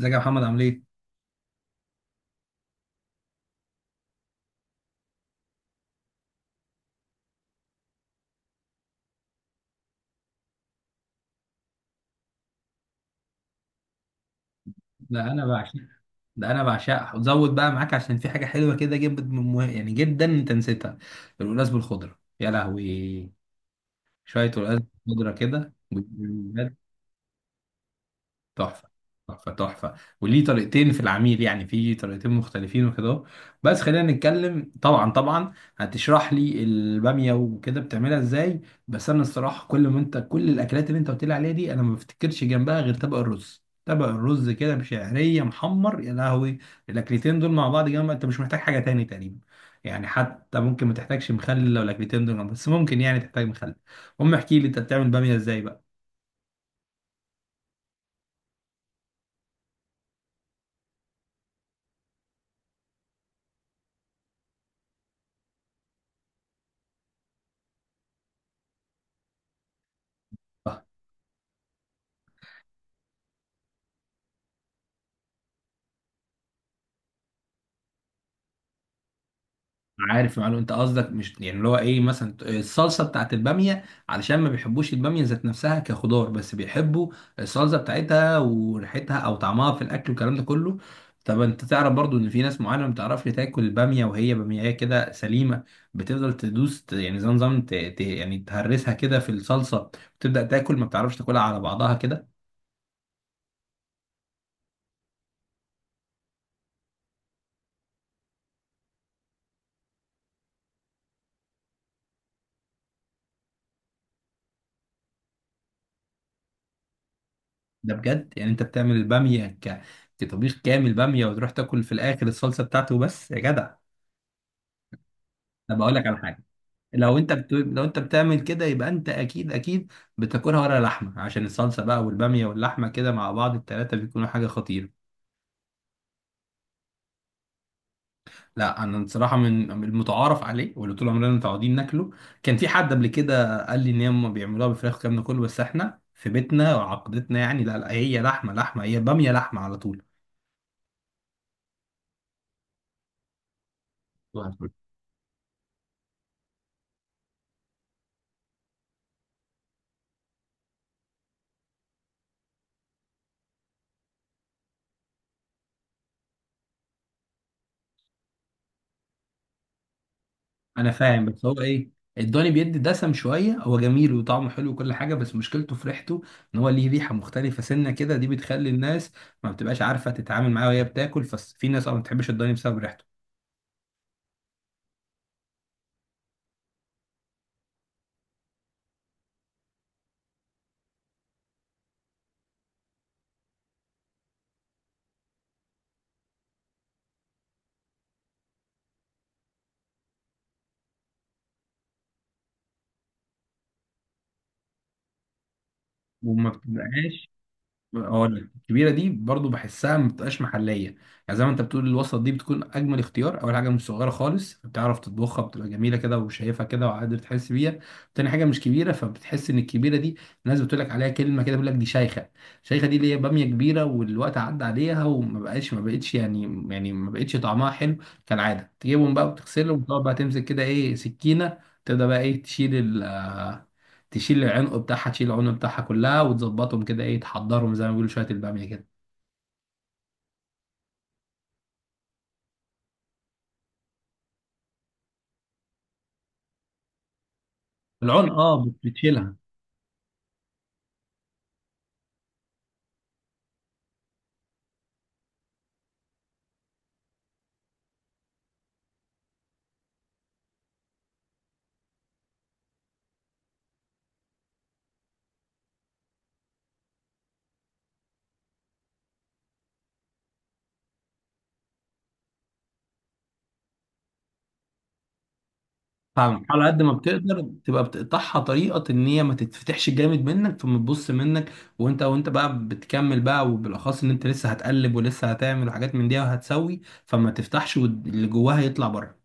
ازيك يا محمد عامل ايه؟ ده انا بعشق، ده انا بعشقها وزود بقى معاك عشان في حاجه حلوه كده جدا يعني جدا انت نسيتها. القلقاس بالخضره يا لهوي. شويه قلقاس بالخضره كده. تحفة، تحفة، تحفة. وليه طريقتين في العميل، يعني في طريقتين مختلفين وكده أهو. بس خلينا نتكلم. طبعا طبعا هتشرح لي البامية وكده بتعملها ازاي. بس انا الصراحة كل ما انت، كل الاكلات اللي انت قلت لي عليها دي انا ما بفتكرش جنبها غير طبق الرز. طبق الرز كده بشعرية محمر يا لهوي. الاكلتين دول مع بعض جنب، انت مش محتاج حاجة تاني تقريبا. يعني حتى ممكن ما تحتاجش مخلل لو الاكلتين دول جنب بس، ممكن يعني تحتاج مخلل. المهم احكي لي انت بتعمل بامية ازاي بقى. عارف، معلوم. انت قصدك مش يعني اللي هو ايه، مثلا الصلصه بتاعت الباميه، علشان ما بيحبوش الباميه ذات نفسها كخضار، بس بيحبوا الصلصه بتاعتها وريحتها او طعمها في الاكل والكلام ده كله. طب انت تعرف برضو ان في ناس معينه ما بتعرفش تاكل الباميه وهي باميه كده سليمه؟ بتفضل تدوس، يعني زي نظام يعني تهرسها كده في الصلصه وتبدا تاكل، ما بتعرفش تاكلها على بعضها كده. ده بجد؟ يعني انت بتعمل الباميه كطبيخ كامل باميه وتروح تاكل في الاخر الصلصه بتاعته بس يا جدع؟ انا بقول لك على حاجه. لو انت بتعمل كده يبقى انت اكيد بتاكلها ورا لحمه، عشان الصلصه بقى والباميه واللحمه كده مع بعض التلاته بيكونوا حاجه خطيره. لا انا بصراحه من المتعارف عليه واللي طول عمرنا متعودين ناكله. كان في حد قبل كده قال لي ان هم بيعملوها بفراخ والكلام ده كله، بس احنا في بيتنا وعقدتنا يعني لا لا، هي لحمه لحمه، هي باميه لحمه على طول. انا فاهم، بس هو ايه، الضاني بيدي دسم شويه، هو جميل وطعمه حلو وكل حاجه، بس مشكلته في ريحته. ان هو ليه ريحه مختلفه سنه كده، دي بتخلي الناس ما بتبقاش عارفه تتعامل معاه وهي بتاكل، ففي ناس اه ما بتحبش الضاني بسبب ريحته وما بتبقاش. اقول لك الكبيره دي برضو بحسها ما بتبقاش محليه يعني. زي ما انت بتقول الوسط دي بتكون اجمل اختيار. اول حاجه مش صغيره خالص، بتعرف تطبخها بتبقى جميله كده وشايفها كده وقادر تحس بيها. تاني حاجه مش كبيره، فبتحس ان الكبيره دي، الناس بتقول لك عليها كلمه كده، بيقول لك دي شيخه. شيخه دي اللي هي باميه كبيره والوقت عدى عليها وما بقاش، ما بقتش يعني، يعني ما بقتش طعمها حلو. كالعاده تجيبهم بقى وتغسلهم، وتقعد بقى تمسك كده ايه سكينه. تبدا بقى ايه، ال تشيل العنق بتاعها. تشيل العنق بتاعها كلها وتظبطهم كده ايه، تحضرهم زي ما بيقولوا شويه الباميه كده. العنق اه بتشيلها. فاهم، على قد ما بتقدر تبقى بتقطعها طريقه ان هي ما تتفتحش جامد منك فما تبص منك، وانت بقى بتكمل بقى، وبالاخص ان انت لسه هتقلب ولسه هتعمل حاجات من دي وهتسوي، فما تفتحش واللي جواها يطلع بره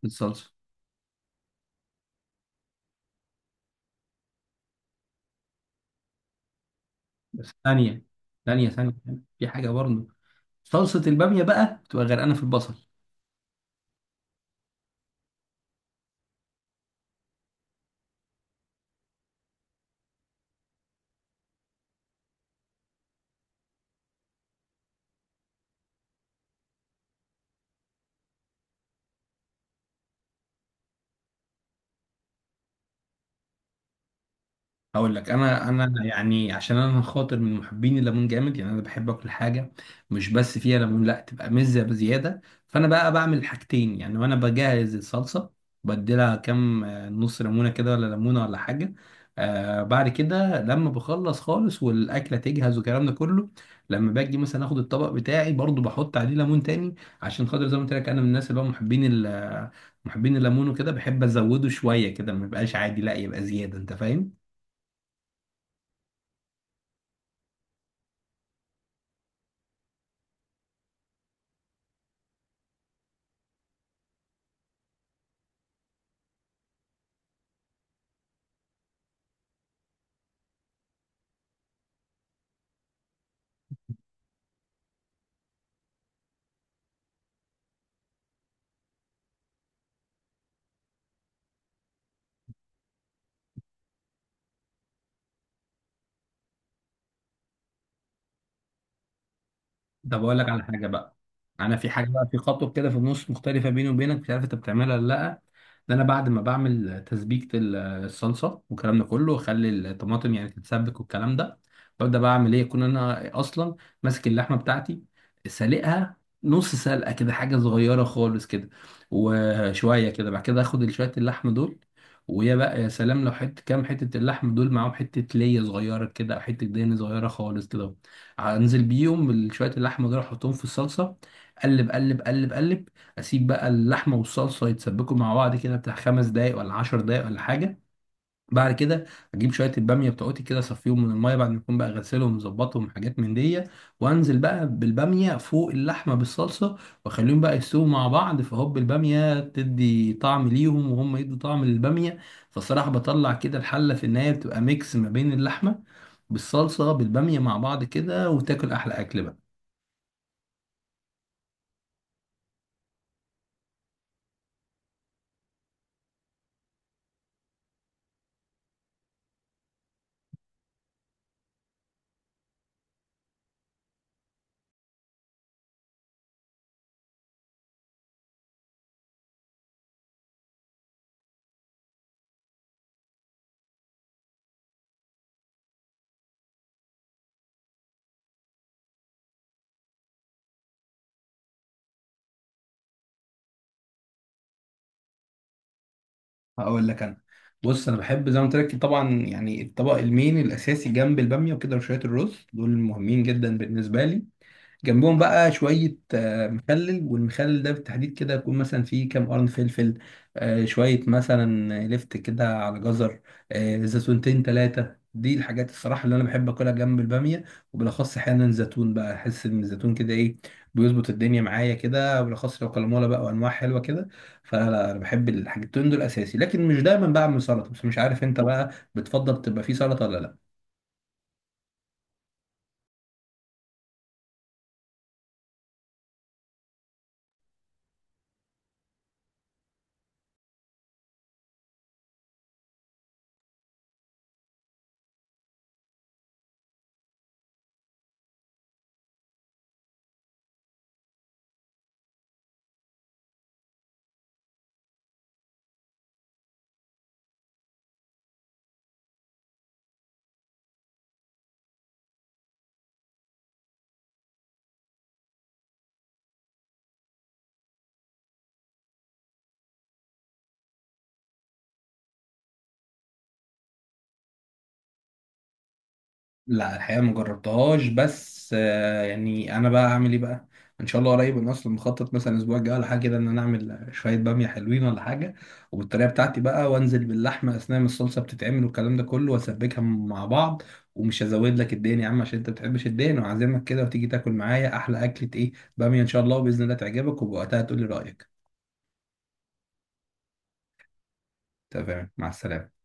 في الصلصه. بس ثانيه، ثانيه ثانية. في حاجه برضه، صلصه الباميه بقى بتبقى غرقانه في البصل. هقول لك. انا يعني عشان انا خاطر من محبين الليمون جامد، يعني انا بحب اكل حاجه مش بس فيها ليمون، لا تبقى مزه بزياده. فانا بقى بعمل حاجتين، يعني وانا بجهز الصلصه بديلها كام، آه، نص ليمونه كده ولا ليمونه ولا حاجه. آه بعد كده لما بخلص خالص والاكله تجهز والكلام ده كله، لما باجي مثلا اخد الطبق بتاعي برضو بحط عليه ليمون تاني، عشان خاطر زي ما قلت لك انا من الناس اللي هم محبين الليمون، وكده بحب ازوده شويه كده ما يبقاش عادي، لا يبقى زياده انت فاهم. طب اقول لك على حاجه بقى. انا في حاجه بقى، في خطوه كده في النص مختلفه بيني وبينك، مش عارف انت بتعملها ولا لا. ده انا بعد ما بعمل تسبيكه الصلصه والكلام ده كله واخلي الطماطم يعني تتسبك والكلام ده، ببدا بقى اعمل ايه، اكون انا اصلا ماسك اللحمه بتاعتي، سالقها نص سلقه كده حاجه صغيره خالص كده، وشويه كده بعد كده اخد شويه اللحم دول. ويا بقى يا سلام لو حته، كام حته اللحم دول معاهم حته ليه صغيره كده او حته دهن صغيره خالص كده، انزل بيهم شويه اللحمه دول احطهم في الصلصه. قلب قلب. اسيب بقى اللحمه والصلصه يتسبكوا مع بعض كده بتاع خمس دقايق ولا عشر دقايق ولا حاجه. بعد كده اجيب شويه الباميه بتوعتي كده، اصفيهم من الميه بعد ما اكون بقى غسلهم مظبطهم حاجات من دي، وانزل بقى بالباميه فوق اللحمه بالصلصه، واخليهم بقى يستووا مع بعض، فهوب الباميه تدي طعم ليهم وهم يدوا طعم للباميه. فالصراحه بطلع كده الحله في النهايه بتبقى ميكس ما بين اللحمه بالصلصه بالباميه مع بعض كده، وتاكل احلى اكل بقى. هقول لك. انا بص انا بحب زي ما قلت لك طبعا، يعني الطبق المين الاساسي جنب الباميه وكده وشويه الرز دول مهمين جدا بالنسبه لي. جنبهم بقى شوية آه، مخلل. والمخلل ده بالتحديد كده يكون مثلا فيه كام قرن فلفل، آه، شوية مثلا لفت كده على جزر، آه، زيتونتين تلاتة. دي الحاجات الصراحة اللي أنا بحب أكلها جنب البامية. وبالأخص أحيانا زيتون بقى، أحس إن الزيتون كده إيه، بيظبط الدنيا معايا كده، وبالأخص لو كلمولا بقى وأنواع حلوة كده. فلا أنا بحب الحاجتين دول أساسي، لكن مش دايما بعمل سلطة. بس مش عارف أنت بقى بتفضل تبقى فيه سلطة ولا لأ. لا الحقيقة ما جربتهاش، بس آه، يعني انا بقى اعمل ايه بقى. ان شاء الله قريب، انا اصلا مخطط مثلا الاسبوع الجاي ولا حاجه كده ان انا اعمل شويه باميه حلوين ولا حاجه، وبالطريقه بتاعتي بقى، وانزل باللحمه اثناء ما الصلصه بتتعمل والكلام ده كله واسبكها مع بعض. ومش هزود لك الدهن يا عم عشان انت ما بتحبش الدهن، وعازمك كده وتيجي تاكل معايا احلى اكله ايه، باميه ان شاء الله، وباذن الله تعجبك وبوقتها تقول لي رايك. تمام، مع السلامه.